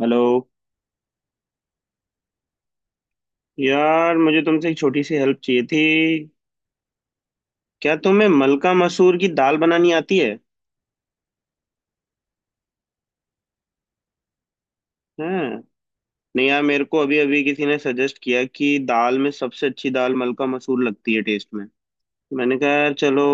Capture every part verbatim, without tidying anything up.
Hello. यार मुझे तुमसे एक छोटी सी हेल्प चाहिए थी। क्या तुम्हें मलका मसूर की दाल बनानी आती है? हैं? नहीं यार, मेरे को अभी अभी किसी ने सजेस्ट किया कि दाल में सबसे अच्छी दाल मलका मसूर लगती है टेस्ट में। मैंने कहा यार चलो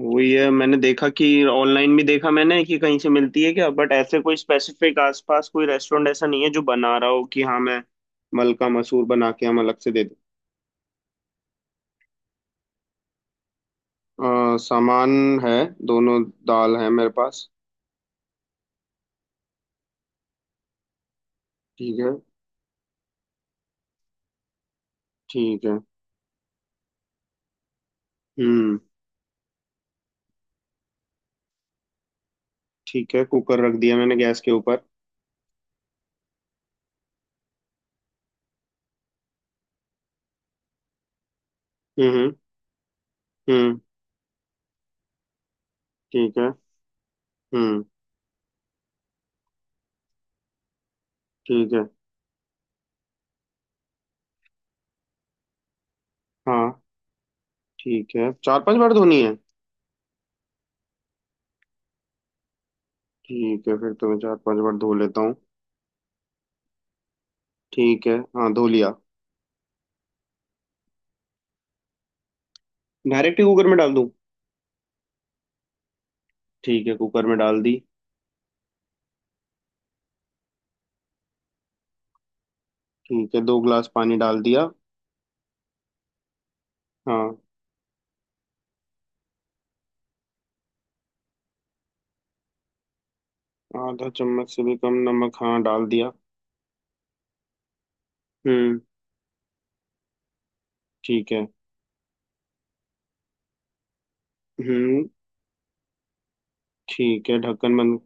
वही है। मैंने देखा कि ऑनलाइन भी देखा मैंने कि कहीं से मिलती है क्या, बट ऐसे कोई स्पेसिफिक आसपास कोई रेस्टोरेंट ऐसा नहीं है जो बना रहा हो कि हाँ मैं मलका मसूर बना के हम अलग से दे दूँ। सामान है। दोनों। दाल है मेरे पास। ठीक है। ठीक है। हम्म। ठीक है, कुकर रख दिया मैंने गैस के ऊपर। हम्म। हम्म। ठीक है। हम्म। ठीक है। हाँ, ठीक है, चार पांच बार धोनी है। ठीक है, फिर तो मैं चार पांच बार धो लेता हूँ। ठीक है, हाँ, धो लिया। डायरेक्ट ही कुकर में डाल दूँ? ठीक है, कुकर में डाल दी। ठीक है, दो ग्लास पानी डाल दिया। हाँ, आधा चम्मच से भी कम नमक, हाँ, डाल दिया। हम्म। ठीक है। हम्म। ठीक है, ढक्कन बंद।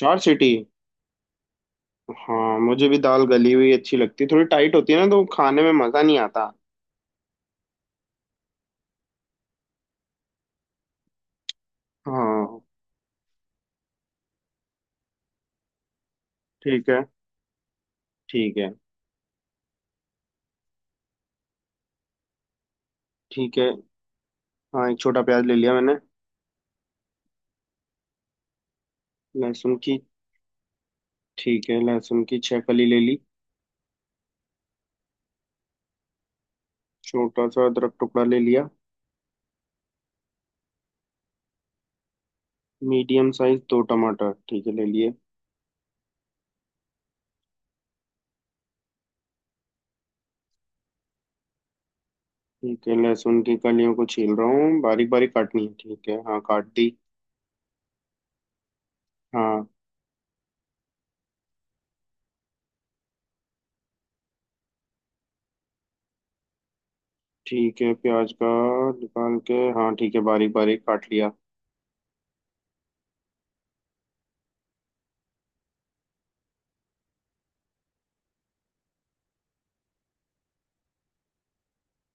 चार सीटी। हाँ, मुझे भी दाल गली हुई अच्छी लगती है, थोड़ी टाइट होती है ना तो खाने में मजा नहीं आता। हाँ। ठीक है। ठीक है। ठीक है, हाँ, एक छोटा प्याज ले लिया मैंने। लहसुन की। ठीक है, लहसुन की छह कली ले ली। छोटा सा अदरक टुकड़ा ले लिया। मीडियम साइज दो टमाटर, ठीक है, ले लिए। ठीक है, लहसुन की कलियों को छील रहा हूँ, बारीक बारीक काटनी है, ठीक है, हाँ, काट दी। हाँ। ठीक है, प्याज का निकाल के, हाँ, ठीक है, बारीक बारीक काट लिया।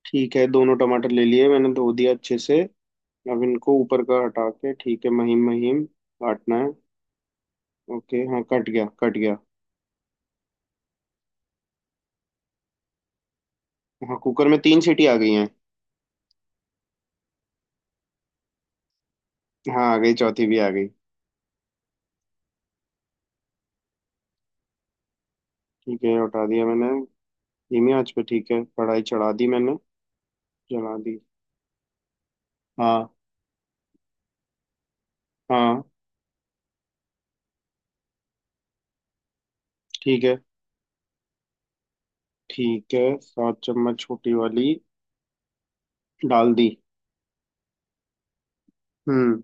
ठीक है, दोनों टमाटर ले लिए मैंने, धो दिया अच्छे से। अब इनको ऊपर का हटा के, ठीक है, महीन महीन काटना है। ओके, हाँ, कट गया, कट गया। हाँ, कुकर में तीन सीटी आ गई हैं। हाँ, आ गई, चौथी भी आ गई। ठीक है, उठा दिया मैंने। धीमी आंच पे, ठीक है, कढ़ाई चढ़ा दी मैंने। जला दी। हाँ। हाँ। ठीक है। ठीक है, सात चम्मच छोटी वाली डाल दी। हम्म।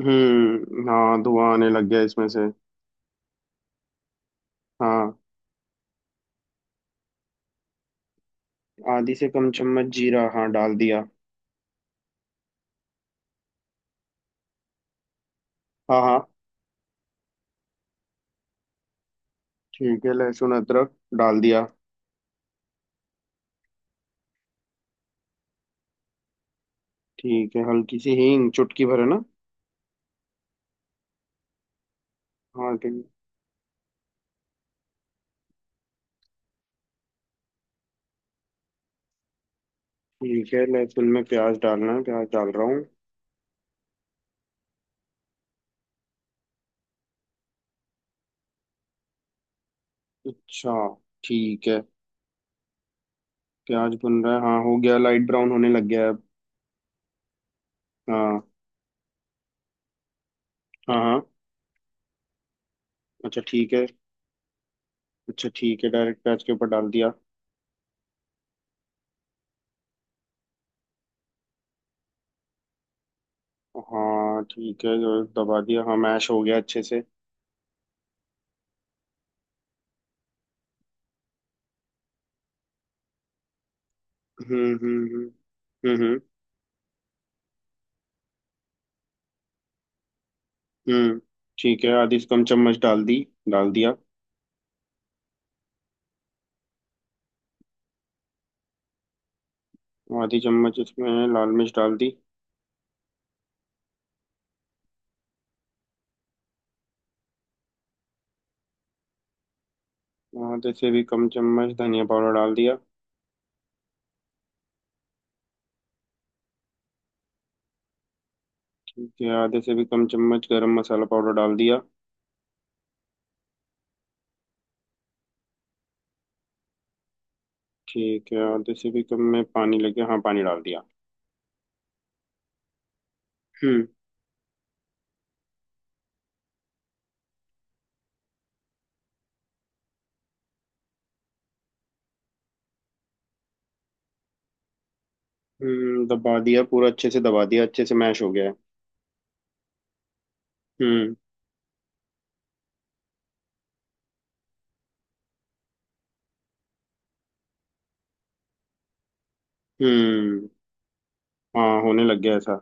हम्म, हाँ, धुआं आने लग गया इसमें से। हाँ, आधी से कम चम्मच जीरा, हाँ, डाल दिया। हाँ हाँ। ठीक है, लहसुन अदरक डाल दिया। ठीक है, हल्की सी हींग, चुटकी भर है ना? हाँ ठीक। ठीक है, लहसुन में प्याज डालना है, प्याज डाल रहा हूँ। अच्छा, ठीक है। प्याज बन रहा है, हाँ, हो गया, लाइट ब्राउन होने लग गया है अब। हाँ। हाँ। हाँ, अच्छा, ठीक है। अच्छा ठीक है, डायरेक्ट प्याज के ऊपर डाल दिया। हाँ, ठीक है, जो दबा दिया, हाँ, मैश हो गया अच्छे से। हम्म हम्म हम्म हम्म हम्म। हम्म, ठीक है, आधी से कम चम्मच डाल दी। डाल दिया। आधी चम्मच इसमें लाल मिर्च डाल दी। आधे से भी कम चम्मच धनिया पाउडर डाल दिया। ठीक है, आधे से भी कम चम्मच गरम मसाला पाउडर डाल दिया। ठीक है, आधे से भी कम में पानी लग गया, हाँ, पानी डाल दिया। हम्म। हम्म, दबा दिया पूरा अच्छे से, दबा दिया अच्छे से, मैश हो गया है। हम्म। हम्म, हाँ, होने लग गया ऐसा।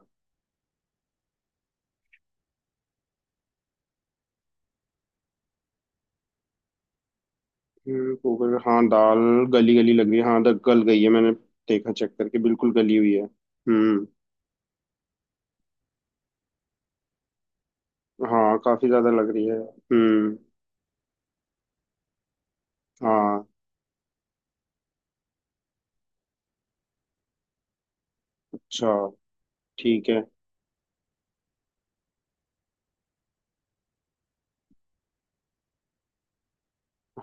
हम्म, कुकर, हाँ, दाल गली गली लग रही है, हाँ, द- गल गई है। मैंने देखा, चेक करके बिल्कुल गली हुई है। हम्म। हाँ, काफी ज्यादा लग रही है। हम्म। हाँ। अच्छा, ठीक है।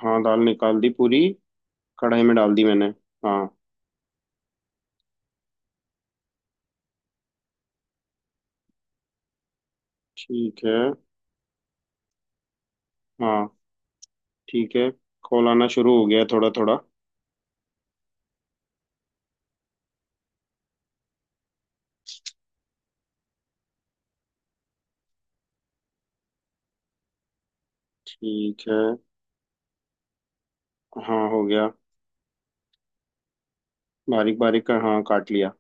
हाँ, दाल निकाल दी पूरी, कढ़ाई में डाल दी मैंने। हाँ। ठीक है। हाँ। ठीक है, खोलाना शुरू हो गया थोड़ा थोड़ा। ठीक है। हाँ, हो गया। बारीक बारीक का, हाँ, काट लिया।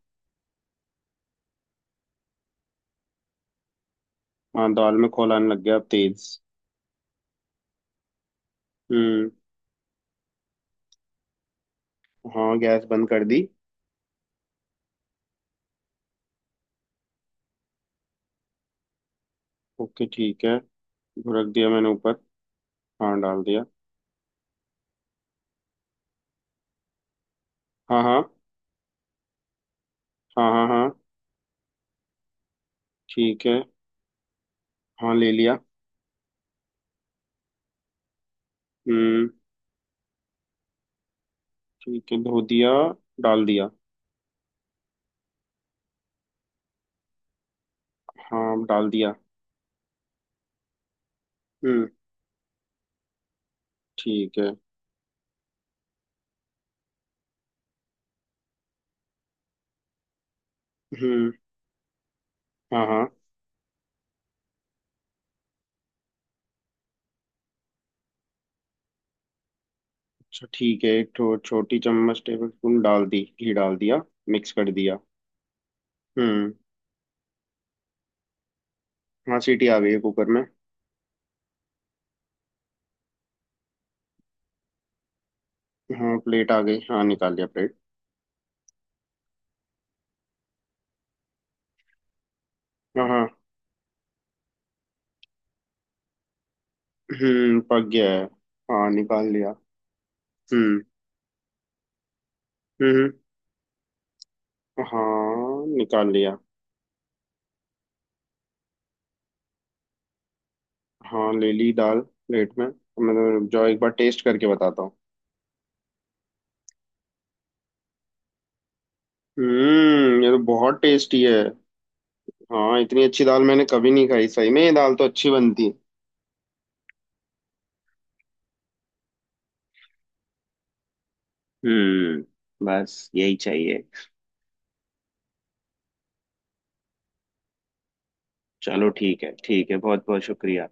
हाँ, दाल में खोल आने लग गया अब तेज। हम्म। हाँ, गैस बंद कर दी। ओके, ठीक है, रख दिया मैंने ऊपर। हाँ, डाल दिया। हाँ हाँ। हाँ। हाँ। हाँ, ठीक है। हाँ, ले लिया। हम्म। ठीक है, धो दिया, डाल दिया। हाँ, डाल दिया। हम्म। ठीक है। हम्म। हाँ हाँ। अच्छा, ठीक है, एक ठो छोटी चम्मच टेबल स्पून डाल दी, घी डाल दिया, मिक्स कर दिया। हम्म। हाँ, सीटी आ गई है कुकर में। हाँ, प्लेट आ गई, हाँ, निकाल लिया प्लेट। हाँ हाँ। हम्म, पक गया है, हाँ, निकाल लिया। हम्म हम्म हम्म। हाँ, निकाल लिया। हाँ, ले ली दाल प्लेट में। मैं तो, रुक जाओ, एक बार टेस्ट करके बताता हूँ। हम्म, ये तो बहुत टेस्टी है। हाँ, इतनी अच्छी दाल मैंने कभी नहीं खाई, सही में ये दाल तो अच्छी बनती है। हम्म, बस यही चाहिए। चलो ठीक है, ठीक है, बहुत बहुत शुक्रिया।